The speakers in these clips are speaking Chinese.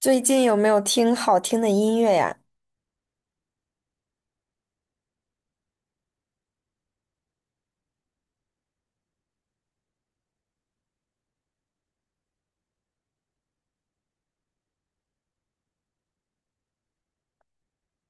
最近有没有听好听的音乐呀？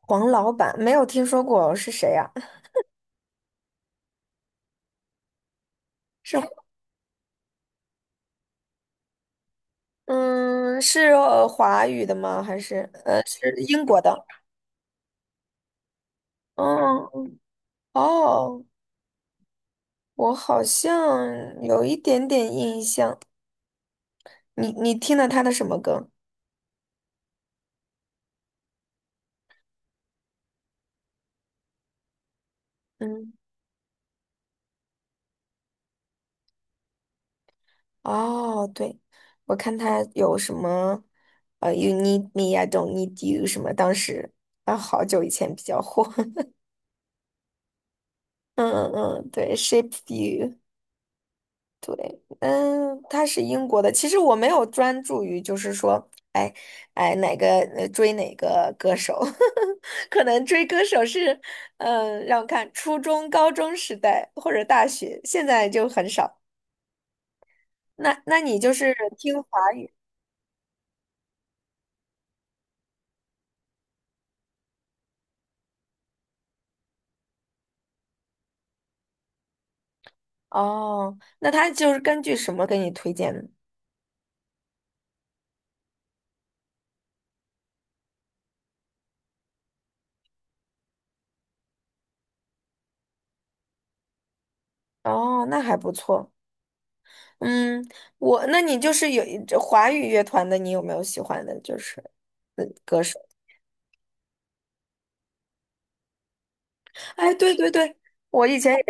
黄老板没有听说过是谁呀？是嗯，是华语的吗？还是是英国的？嗯，哦，我好像有一点点印象。你听了他的什么歌？嗯，哦，对，我看他有什么You need me, I don't need you 什么，当时啊好久以前比较火。嗯嗯嗯，对，Shape You。对，嗯，他是英国的。其实我没有专注于，就是说，哎，哎，哪个追哪个歌手，可能追歌手是，嗯，让我看，初中、高中时代或者大学，现在就很少。那你就是听华语。哦？那他就是根据什么给你推荐的？哦，那还不错。嗯，我那你就是有这华语乐团的，你有没有喜欢的？就是嗯，歌手。哎，对对对，我以前也。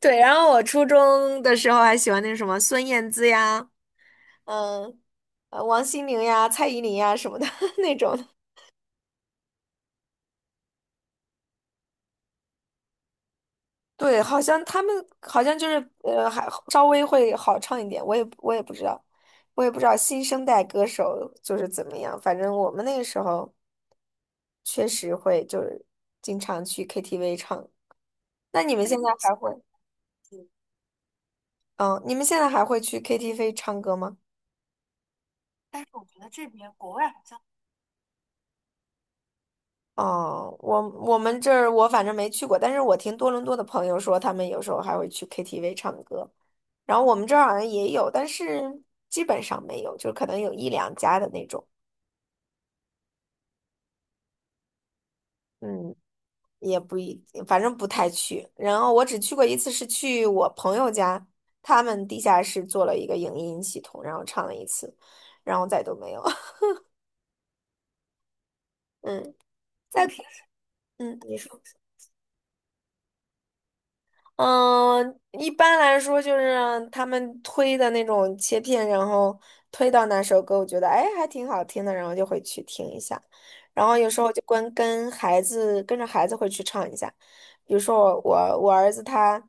对，然后我初中的时候还喜欢那个什么孙燕姿呀，嗯，王心凌呀、蔡依林呀什么的 那种的。对，好像他们好像就是还稍微会好唱一点。我也不知道，我也不知道新生代歌手就是怎么样。反正我们那个时候确实会就是经常去 KTV 唱。那你们现在还会？嗯，你们现在还会去 KTV 唱歌吗？但是我觉得这边国外好像。哦，我们这儿我反正没去过，但是我听多伦多的朋友说，他们有时候还会去 KTV 唱歌，然后我们这儿好像也有，但是基本上没有，就可能有一两家的那种，嗯，也不一，反正不太去。然后我只去过一次，是去我朋友家，他们地下室做了一个影音系统，然后唱了一次，然后再都没有。嗯，在嗯，你说。嗯，一般来说就是他们推的那种切片，然后推到哪首歌，我觉得哎还挺好听的，然后就会去听一下。然后有时候我就跟孩子跟着孩子会去唱一下。比如说我儿子他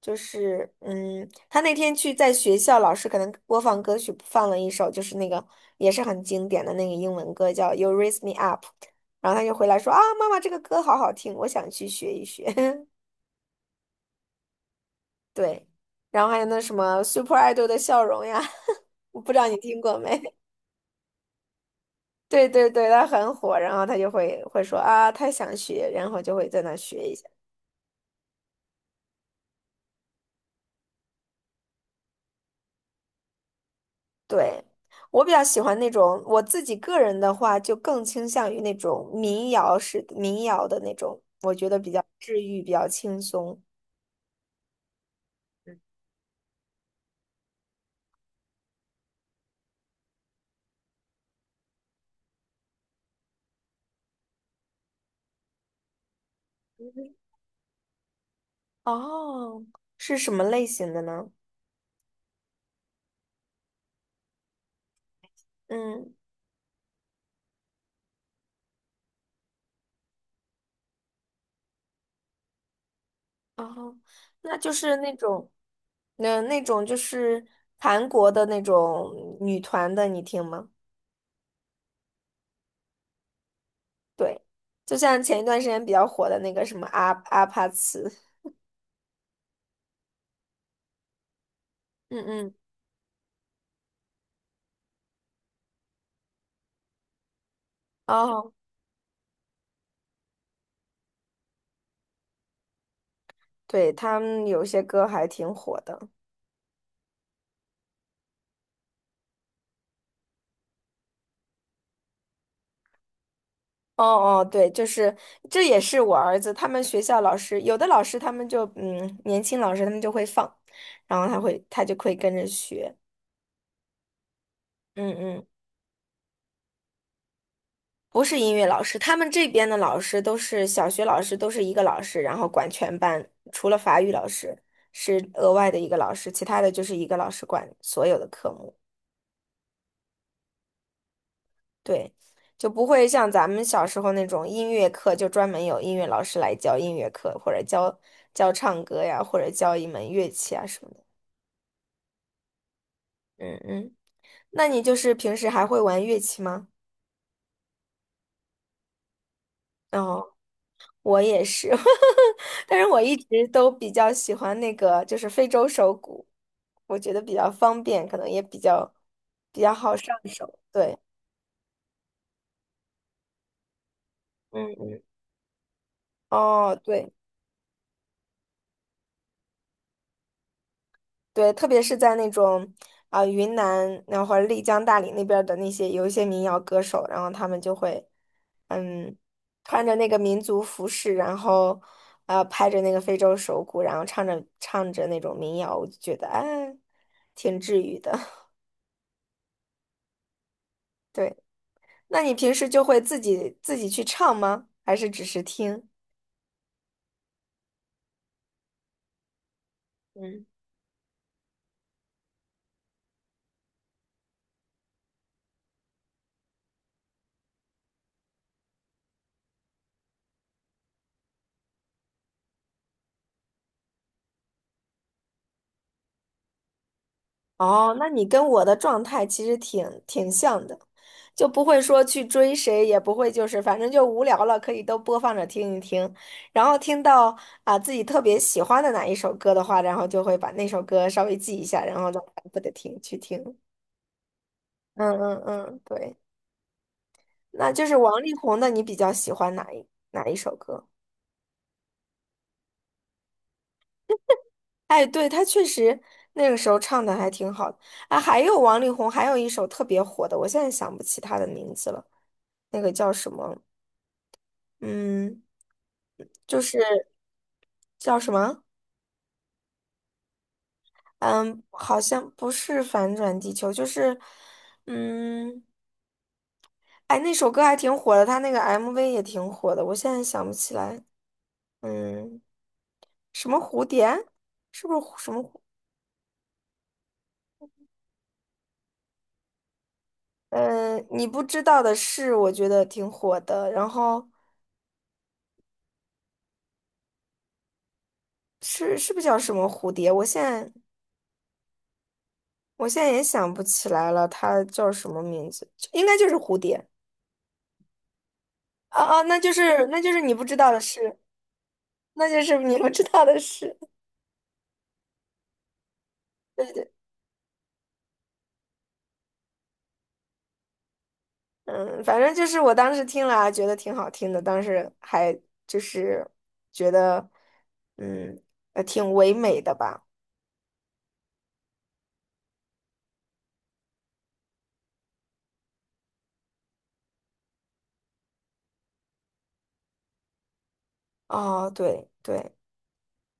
就是嗯，他那天去在学校，老师可能播放歌曲放了一首，就是那个也是很经典的那个英文歌叫《You Raise Me Up》，然后他就回来说啊，妈妈这个歌好好听，我想去学一学。对，然后还有那什么 Super Idol 的笑容呀，我不知道你听过没？对对对，他很火，然后他就会说啊，他想学，然后就会在那学一下。对，我比较喜欢那种，我自己个人的话，就更倾向于那种民谣式的民谣的那种，我觉得比较治愈，比较轻松。嗯，哦，是什么类型的呢？嗯。哦，那就是那种，那种就是韩国的那种女团的，你听吗？对，就像前一段时间比较火的那个什么阿帕茨，嗯嗯，哦，对，他们有些歌还挺火的。哦哦，对，就是这也是我儿子，他们学校有的老师他们就嗯，年轻老师他们就会放，然后他就会跟着学，嗯嗯。不是音乐老师，他们这边的老师都是小学老师，都是一个老师，然后管全班，除了法语老师是额外的一个老师，其他的就是一个老师管所有的科目。对，就不会像咱们小时候那种音乐课，就专门有音乐老师来教音乐课，或者教唱歌呀，或者教一门乐器啊什么的。嗯嗯，那你就是平时还会玩乐器吗？哦。我也是，但是我一直都比较喜欢那个，就是非洲手鼓，我觉得比较方便，可能也比较好上手。对，嗯嗯，哦，对对，特别是在那种啊、云南，然后或者丽江、大理那边儿的那些有一些民谣歌手，然后他们就会嗯穿着那个民族服饰，然后啊拍着那个非洲手鼓，然后唱着那种民谣，我就觉得哎挺治愈的。对。那你平时就会自己去唱吗？还是只是听？嗯，哦，那你跟我的状态其实挺像的，就不会说去追谁，也不会就是反正就无聊了，可以都播放着听一听，然后听到啊自己特别喜欢的哪一首歌的话，然后就会把那首歌稍微记一下，然后再反复的听去听。嗯嗯嗯，对，那就是王力宏的，你比较喜欢哪一首歌？哎，对，他确实那个时候唱的还挺好的啊。还有王力宏，还有一首特别火的，我现在想不起他的名字了，那个叫什么？嗯，就是叫什么？嗯，好像不是《反转地球》，就是嗯，哎，那首歌还挺火的，他那个 MV 也挺火的，我现在想不起来。嗯，什么蝴蝶？是不是蝴什么。嗯，你不知道的事，我觉得挺火的。然后。是是不是叫什么蝴蝶？我现在也想不起来了，它叫什么名字？应该就是蝴蝶。啊啊，那就是你不知道的事，那就是你不知道的事。对对，嗯，反正就是我当时听了啊，觉得挺好听的，当时还就是觉得嗯，挺唯美的吧。哦，对对，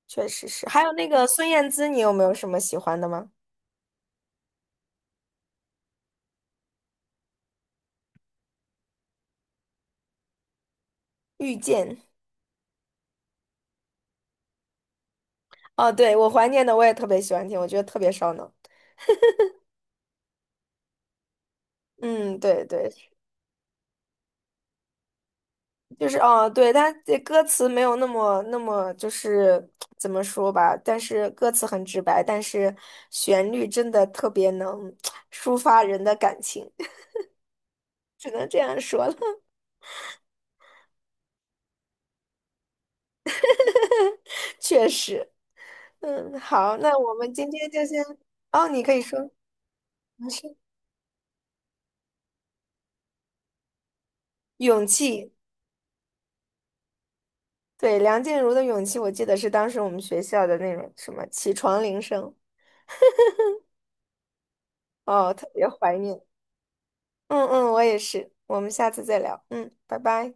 确实是。还有那个孙燕姿，你有没有什么喜欢的吗？遇见。哦，对，我怀念的我也特别喜欢听，我觉得特别烧脑。嗯，对对，就是哦，对，它这歌词没有那么，就是怎么说吧？但是歌词很直白，但是旋律真的特别能抒发人的感情，只能这样说了。确实，嗯，好，那我们今天就先，哦，你可以说，没事。勇气，对，梁静茹的《勇气》，我记得是当时我们学校的那种什么起床铃声，哦，特别怀念。嗯嗯，我也是，我们下次再聊，嗯，拜拜。